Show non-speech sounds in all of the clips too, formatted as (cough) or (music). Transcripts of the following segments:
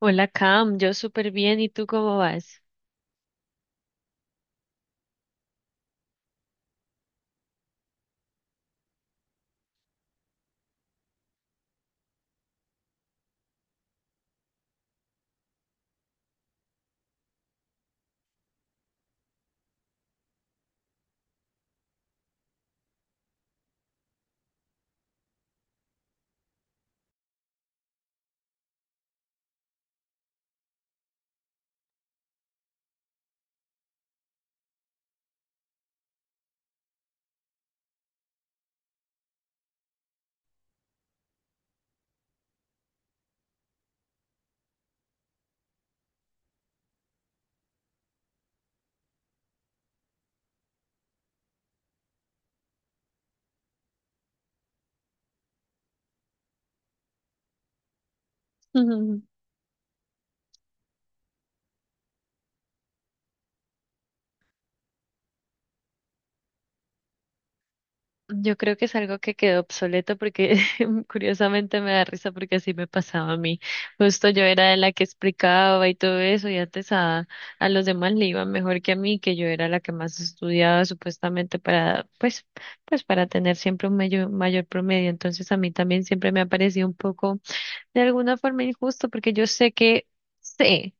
Hola Cam, yo súper bien, ¿y tú cómo vas? (laughs) Yo creo que es algo que quedó obsoleto porque (laughs) curiosamente me da risa porque así me pasaba a mí. Justo yo era de la que explicaba y todo eso y antes a los demás le iba mejor que a mí, que yo era la que más estudiaba supuestamente para, pues para tener siempre un mayor promedio. Entonces a mí también siempre me ha parecido un poco de alguna forma injusto, porque sé,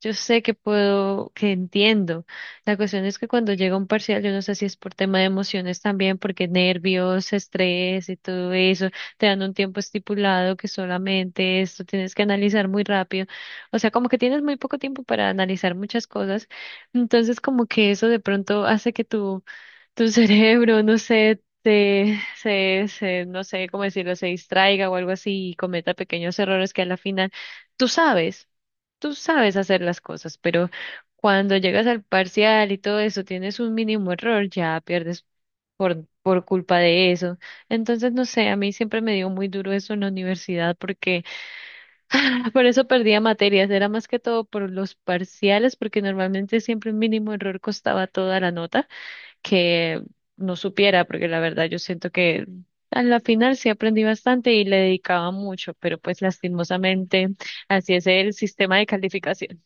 yo sé que puedo, que entiendo. La cuestión es que cuando llega un parcial, yo no sé si es por tema de emociones también, porque nervios, estrés y todo eso, te dan un tiempo estipulado que solamente esto tienes que analizar muy rápido. O sea, como que tienes muy poco tiempo para analizar muchas cosas. Entonces, como que eso de pronto hace que tu (laughs) cerebro, no sé, no sé cómo decirlo, se distraiga o algo así y cometa pequeños errores que a la final tú sabes, tú sabes hacer las cosas, pero cuando llegas al parcial y todo eso, tienes un mínimo error, ya pierdes por culpa de eso. Entonces, no sé, a mí siempre me dio muy duro eso en la universidad porque (laughs) por eso perdía materias, era más que todo por los parciales, porque normalmente siempre un mínimo error costaba toda la nota que no supiera, porque la verdad yo siento que a la final sí aprendí bastante y le dedicaba mucho, pero pues lastimosamente así es el sistema de calificación.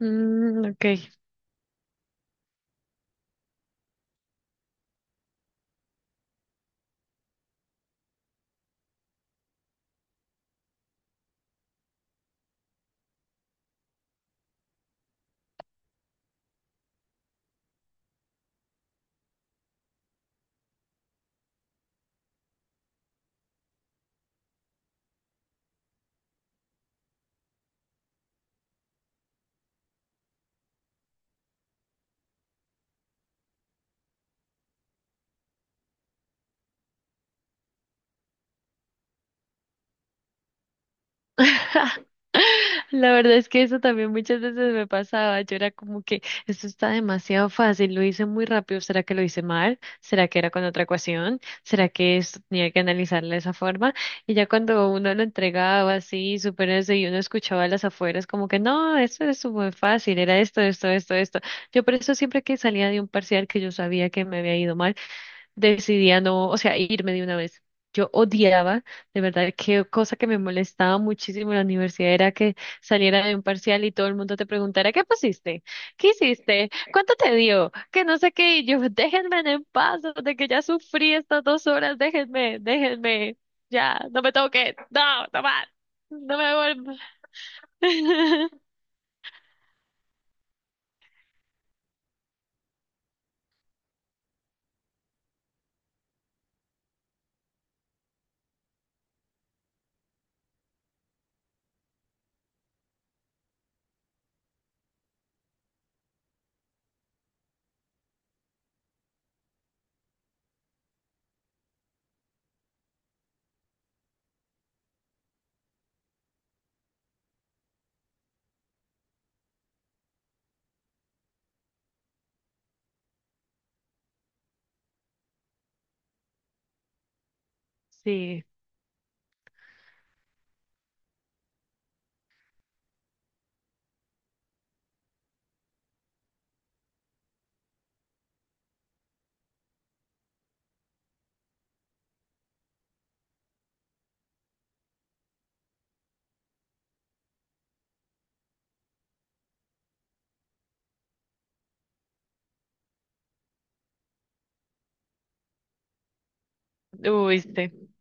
Mm, ok. (laughs) La verdad es que eso también muchas veces me pasaba. Yo era como que esto está demasiado fácil, lo hice muy rápido. ¿Será que lo hice mal? ¿Será que era con otra ecuación? ¿Será que esto tenía que analizarla de esa forma? Y ya cuando uno lo entregaba así, súper ese, y uno escuchaba a las afueras como que no, esto es muy fácil, era esto, esto, esto, esto. Yo por eso siempre que salía de un parcial que yo sabía que me había ido mal, decidí a no, o sea, irme de una vez. Yo odiaba, de verdad, que cosa que me molestaba muchísimo en la universidad era que saliera de un parcial y todo el mundo te preguntara, ¿qué pusiste? ¿Qué hiciste? ¿Cuánto te dio? Que no sé qué, y yo, (laughs) déjenme en paz, de que ya sufrí estas 2 horas, déjenme, déjenme, ya, no me toquen, no, no más, no me vuelvo. (laughs) Sí, uy, sí,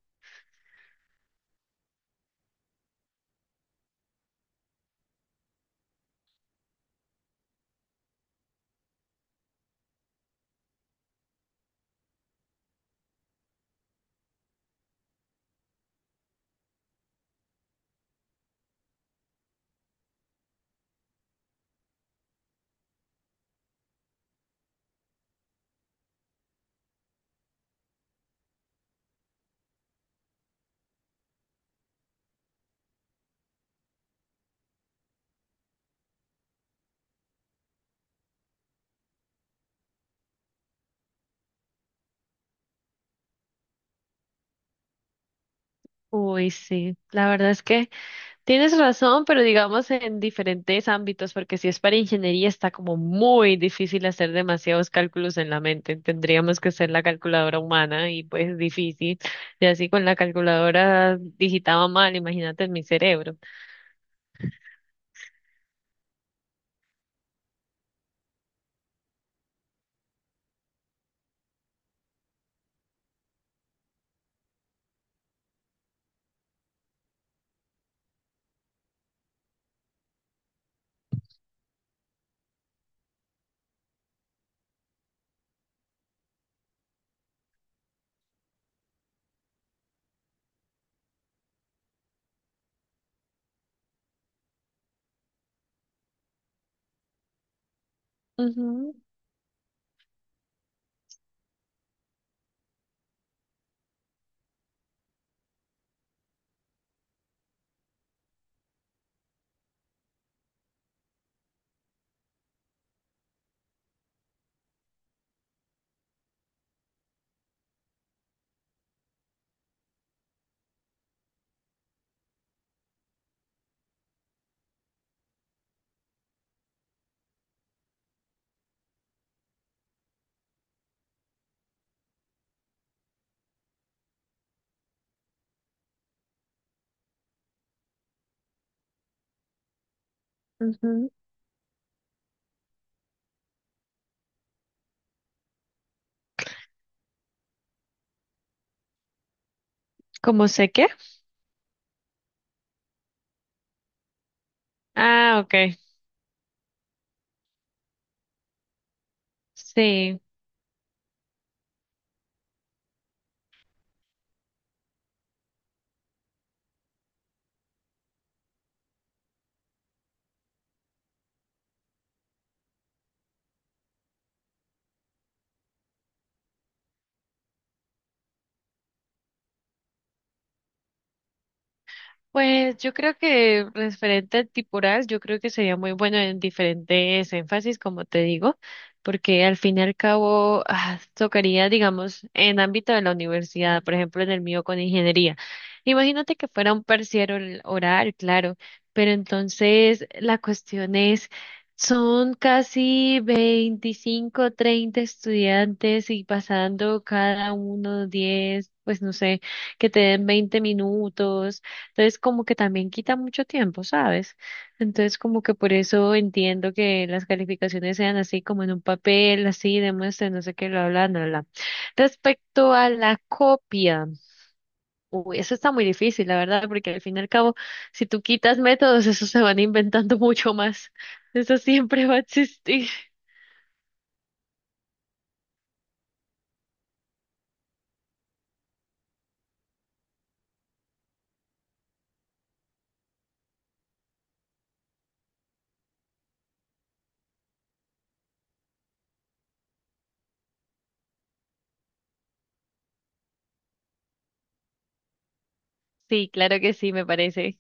uy, sí, la verdad es que... Tienes razón, pero digamos en diferentes ámbitos, porque si es para ingeniería está como muy difícil hacer demasiados cálculos en la mente. Tendríamos que hacer la calculadora humana y pues es difícil. Y así con la calculadora digitaba mal, imagínate en mi cerebro. Ujú, ujú. ¿Cómo sé qué? Ah, ok. Sí. Pues yo creo que referente al tipural, yo creo que sería muy bueno en diferentes énfasis, como te digo, porque al fin y al cabo ah, tocaría, digamos, en ámbito de la universidad, por ejemplo, en el mío con ingeniería. Imagínate que fuera un parcial oral, claro, pero entonces la cuestión es, son casi 25 30 estudiantes y pasando cada uno 10 pues no sé, que te den 20 minutos. Entonces, como que también quita mucho tiempo, ¿sabes? Entonces, como que por eso entiendo que las calificaciones sean así, como en un papel, así, demuestre, no sé qué, lo hablan, bla, bla, bla. Respecto a la copia, uy, eso está muy difícil, la verdad, porque al fin y al cabo, si tú quitas métodos, esos se van inventando (laughs) mucho más. Eso siempre va a existir. Sí, claro que sí, me parece.